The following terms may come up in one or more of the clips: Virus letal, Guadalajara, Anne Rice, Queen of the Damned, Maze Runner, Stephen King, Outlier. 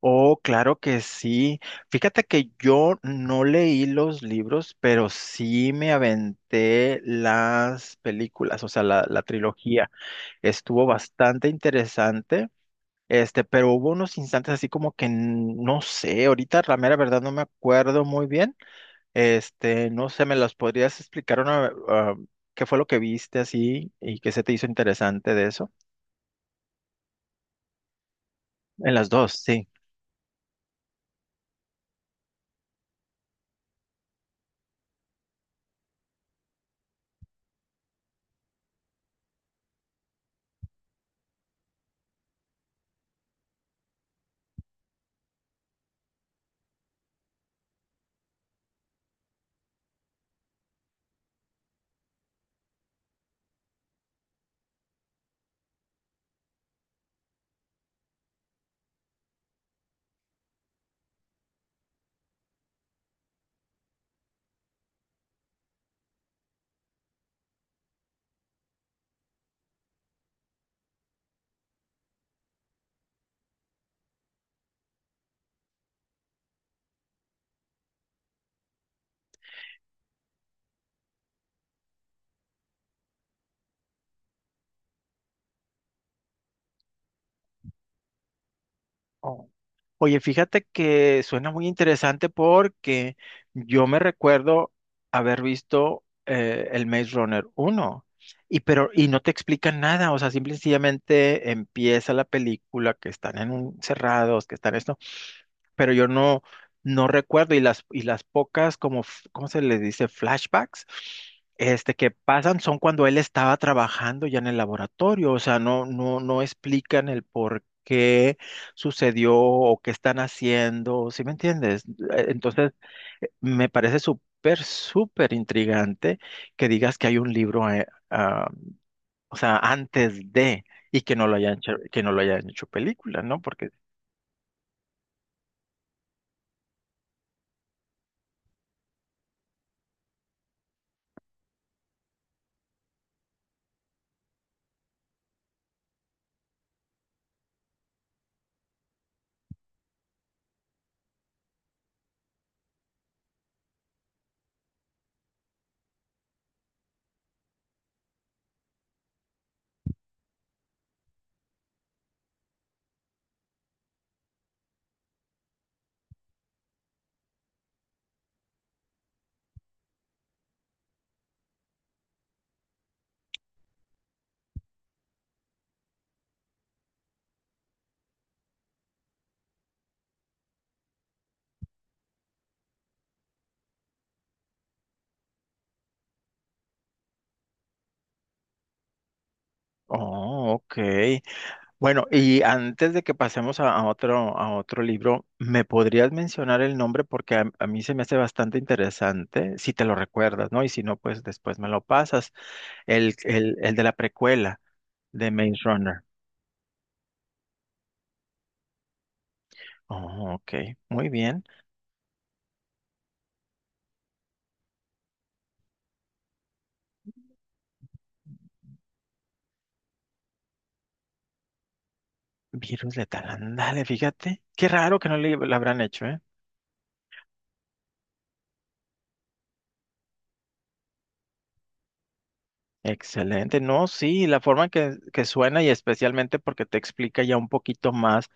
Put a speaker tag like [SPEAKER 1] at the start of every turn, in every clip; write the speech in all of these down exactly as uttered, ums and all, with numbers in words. [SPEAKER 1] Oh, claro que sí. Fíjate que yo no leí los libros, pero sí me aventé las películas, o sea, la, la trilogía. Estuvo bastante interesante, este, pero hubo unos instantes así como que n- no sé, ahorita la mera verdad no me acuerdo muy bien. Este, no sé, ¿me las podrías explicar una, ah, qué fue lo que viste así y qué se te hizo interesante de eso? En las dos, sí. Oh. Oye, fíjate que suena muy interesante porque yo me recuerdo haber visto eh, el Maze Runner uno y pero y no te explican nada, o sea, simple y sencillamente empieza la película que están en un- encerrados, que están en pero yo no, no recuerdo y las, y las pocas como, f- ¿cómo se le dice? Flashbacks, este, que pasan son cuando él estaba trabajando ya en el laboratorio, o sea, no, no, no explican el por qué sucedió o qué están haciendo, ¿sí me entiendes? Eh, Entonces, eh, me parece súper, súper intrigante que digas que hay un libro, eh, ah, o sea, antes de, y que no lo hayan hecho, que no lo hayan hecho película, ¿no? Porque, oh, ok. Bueno, y antes de que pasemos a, a otro, a otro libro, ¿me podrías mencionar el nombre? Porque a, a mí se me hace bastante interesante, si te lo recuerdas, ¿no? Y si no, pues después me lo pasas. El, el, el de la precuela de Maze Runner. Oh, ok, muy bien. Virus letal, ándale, fíjate. Qué raro que no le, lo habrán hecho, ¿eh? Excelente. No, sí, la forma en que, que suena y especialmente porque te explica ya un poquito más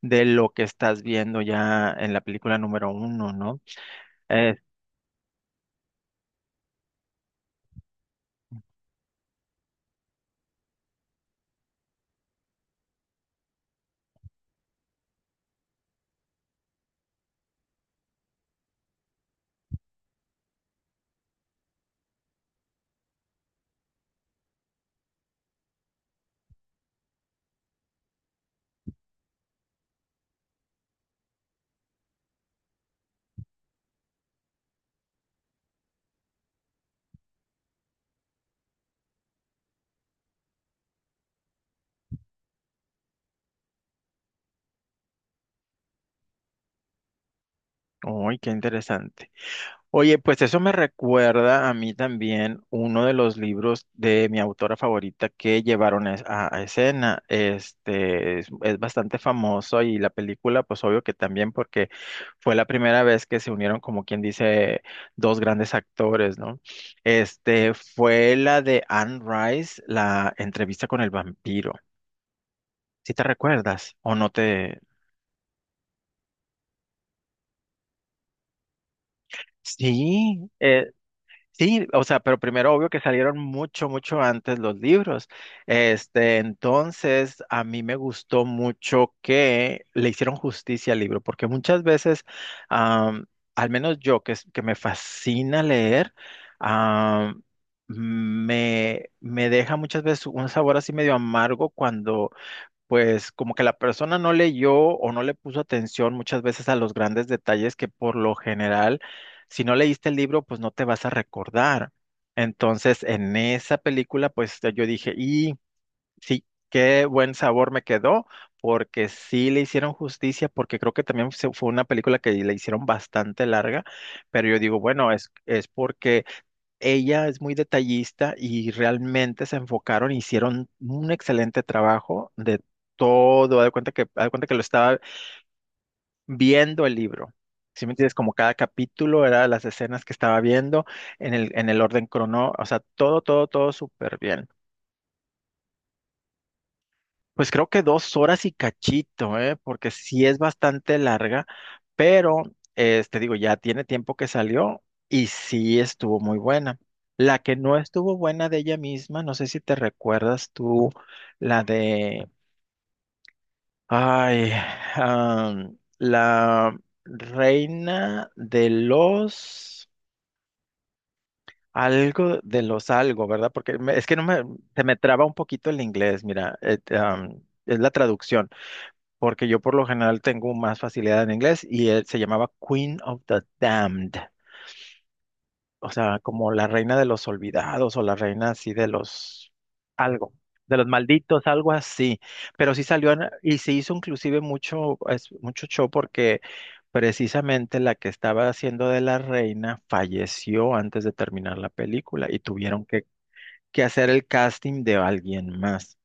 [SPEAKER 1] de lo que estás viendo ya en la película número uno, ¿no? Uy, qué interesante. Oye, pues eso me recuerda a mí también uno de los libros de mi autora favorita que llevaron es- a, a escena. Este es, es bastante famoso y la película, pues obvio que también porque fue la primera vez que se unieron, como quien dice, dos grandes actores, ¿no? Este fue la de Anne Rice, la entrevista con el vampiro. ¿Si te recuerdas o no te? Sí, eh, sí, o sea, pero primero obvio que salieron mucho, mucho antes los libros. Este, entonces a mí me gustó mucho que le hicieron justicia al libro, porque muchas veces, am, al menos yo que, es- que me fascina leer, am, me, me deja muchas veces un sabor así medio amargo cuando pues como que la persona no leyó o no le puso atención muchas veces a los grandes detalles que por lo general, si no leíste el libro, pues no te vas a recordar. Entonces, en esa película, pues yo dije, y sí, qué buen sabor me quedó, porque sí le hicieron justicia, porque creo que también se- fue una película que le hicieron bastante larga, pero yo digo, bueno, es, es porque ella es muy detallista y realmente se enfocaron, hicieron un excelente trabajo de todo. Haz de cuenta que, haz de cuenta que lo estaba viendo el libro. Si me entiendes, como cada capítulo era las escenas que estaba viendo en el, en el orden crono, o sea, todo, todo, todo súper bien. Pues creo que dos horas y cachito, ¿eh? Porque sí es bastante larga, pero este digo, ya tiene tiempo que salió y sí estuvo muy buena. La que no estuvo buena de ella misma, no sé si te recuerdas tú, la de, ay, am, la reina de los, algo de los algo, ¿verdad? Porque me- es que no me, se me traba un poquito el inglés, mira, et- am, es la traducción. Porque yo por lo general tengo más facilidad en inglés y él se llamaba Queen of the Damned, o sea, como la reina de los olvidados o la reina así de los algo, de los malditos, algo así. Pero sí salió en- y se hizo inclusive mucho, es- mucho show porque precisamente la que estaba haciendo de la reina falleció antes de terminar la película y tuvieron que que hacer el casting de alguien más.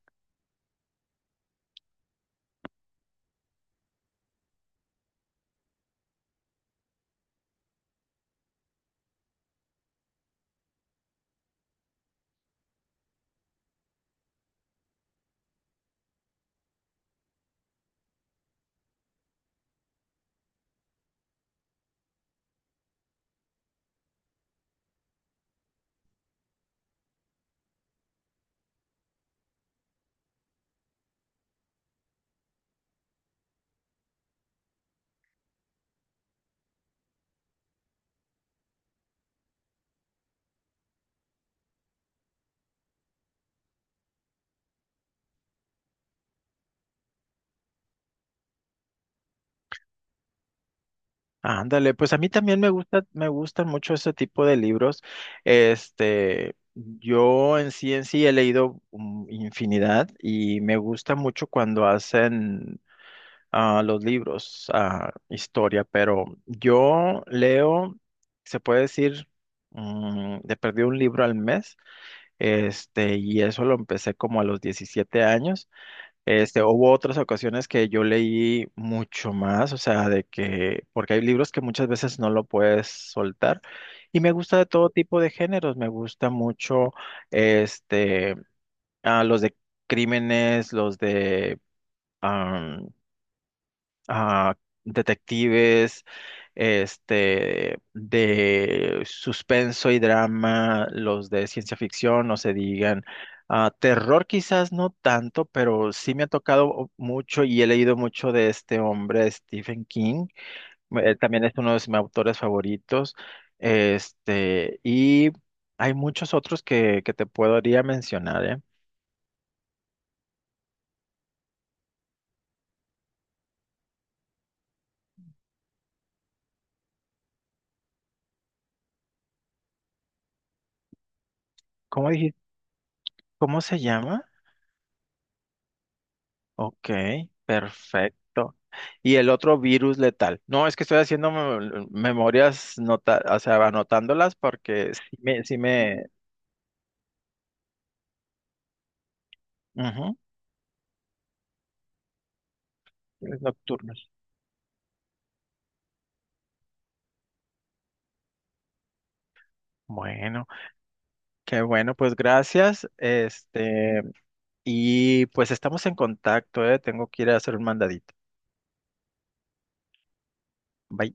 [SPEAKER 1] Ándale, pues a mí también me gusta, me gustan mucho ese tipo de libros. Este, yo en sí en sí he leído mm, infinidad y me gusta mucho cuando hacen ah, los libros, ah, historia, pero yo leo, se puede decir, mm, de perdí un libro al mes, este, y eso lo empecé como a los diecisiete años. Este, hubo otras ocasiones que yo leí mucho más, o sea, de que, porque hay libros que muchas veces no lo puedes soltar. Y me gusta de todo tipo de géneros, me gusta mucho, este, ah, los de crímenes, los de ah, detectives, este, de suspenso y drama, los de ciencia ficción, no se digan. Ah, terror quizás no tanto, pero sí me ha tocado mucho y he leído mucho de este hombre, Stephen King. Él también es uno de mis autores favoritos. Este, y hay muchos otros que, que te podría mencionar, ¿eh? ¿Cómo dijiste? ¿Cómo se llama? Ok, perfecto. Y el otro virus letal. No, es que estoy haciendo mem- memorias, nota, o sea, anotándolas porque sí me, sí me, ujú, tienes nocturnos. Bueno, qué bueno, pues gracias. Este, y pues estamos en contacto, ¿eh? Tengo que ir a hacer un mandadito. Bye.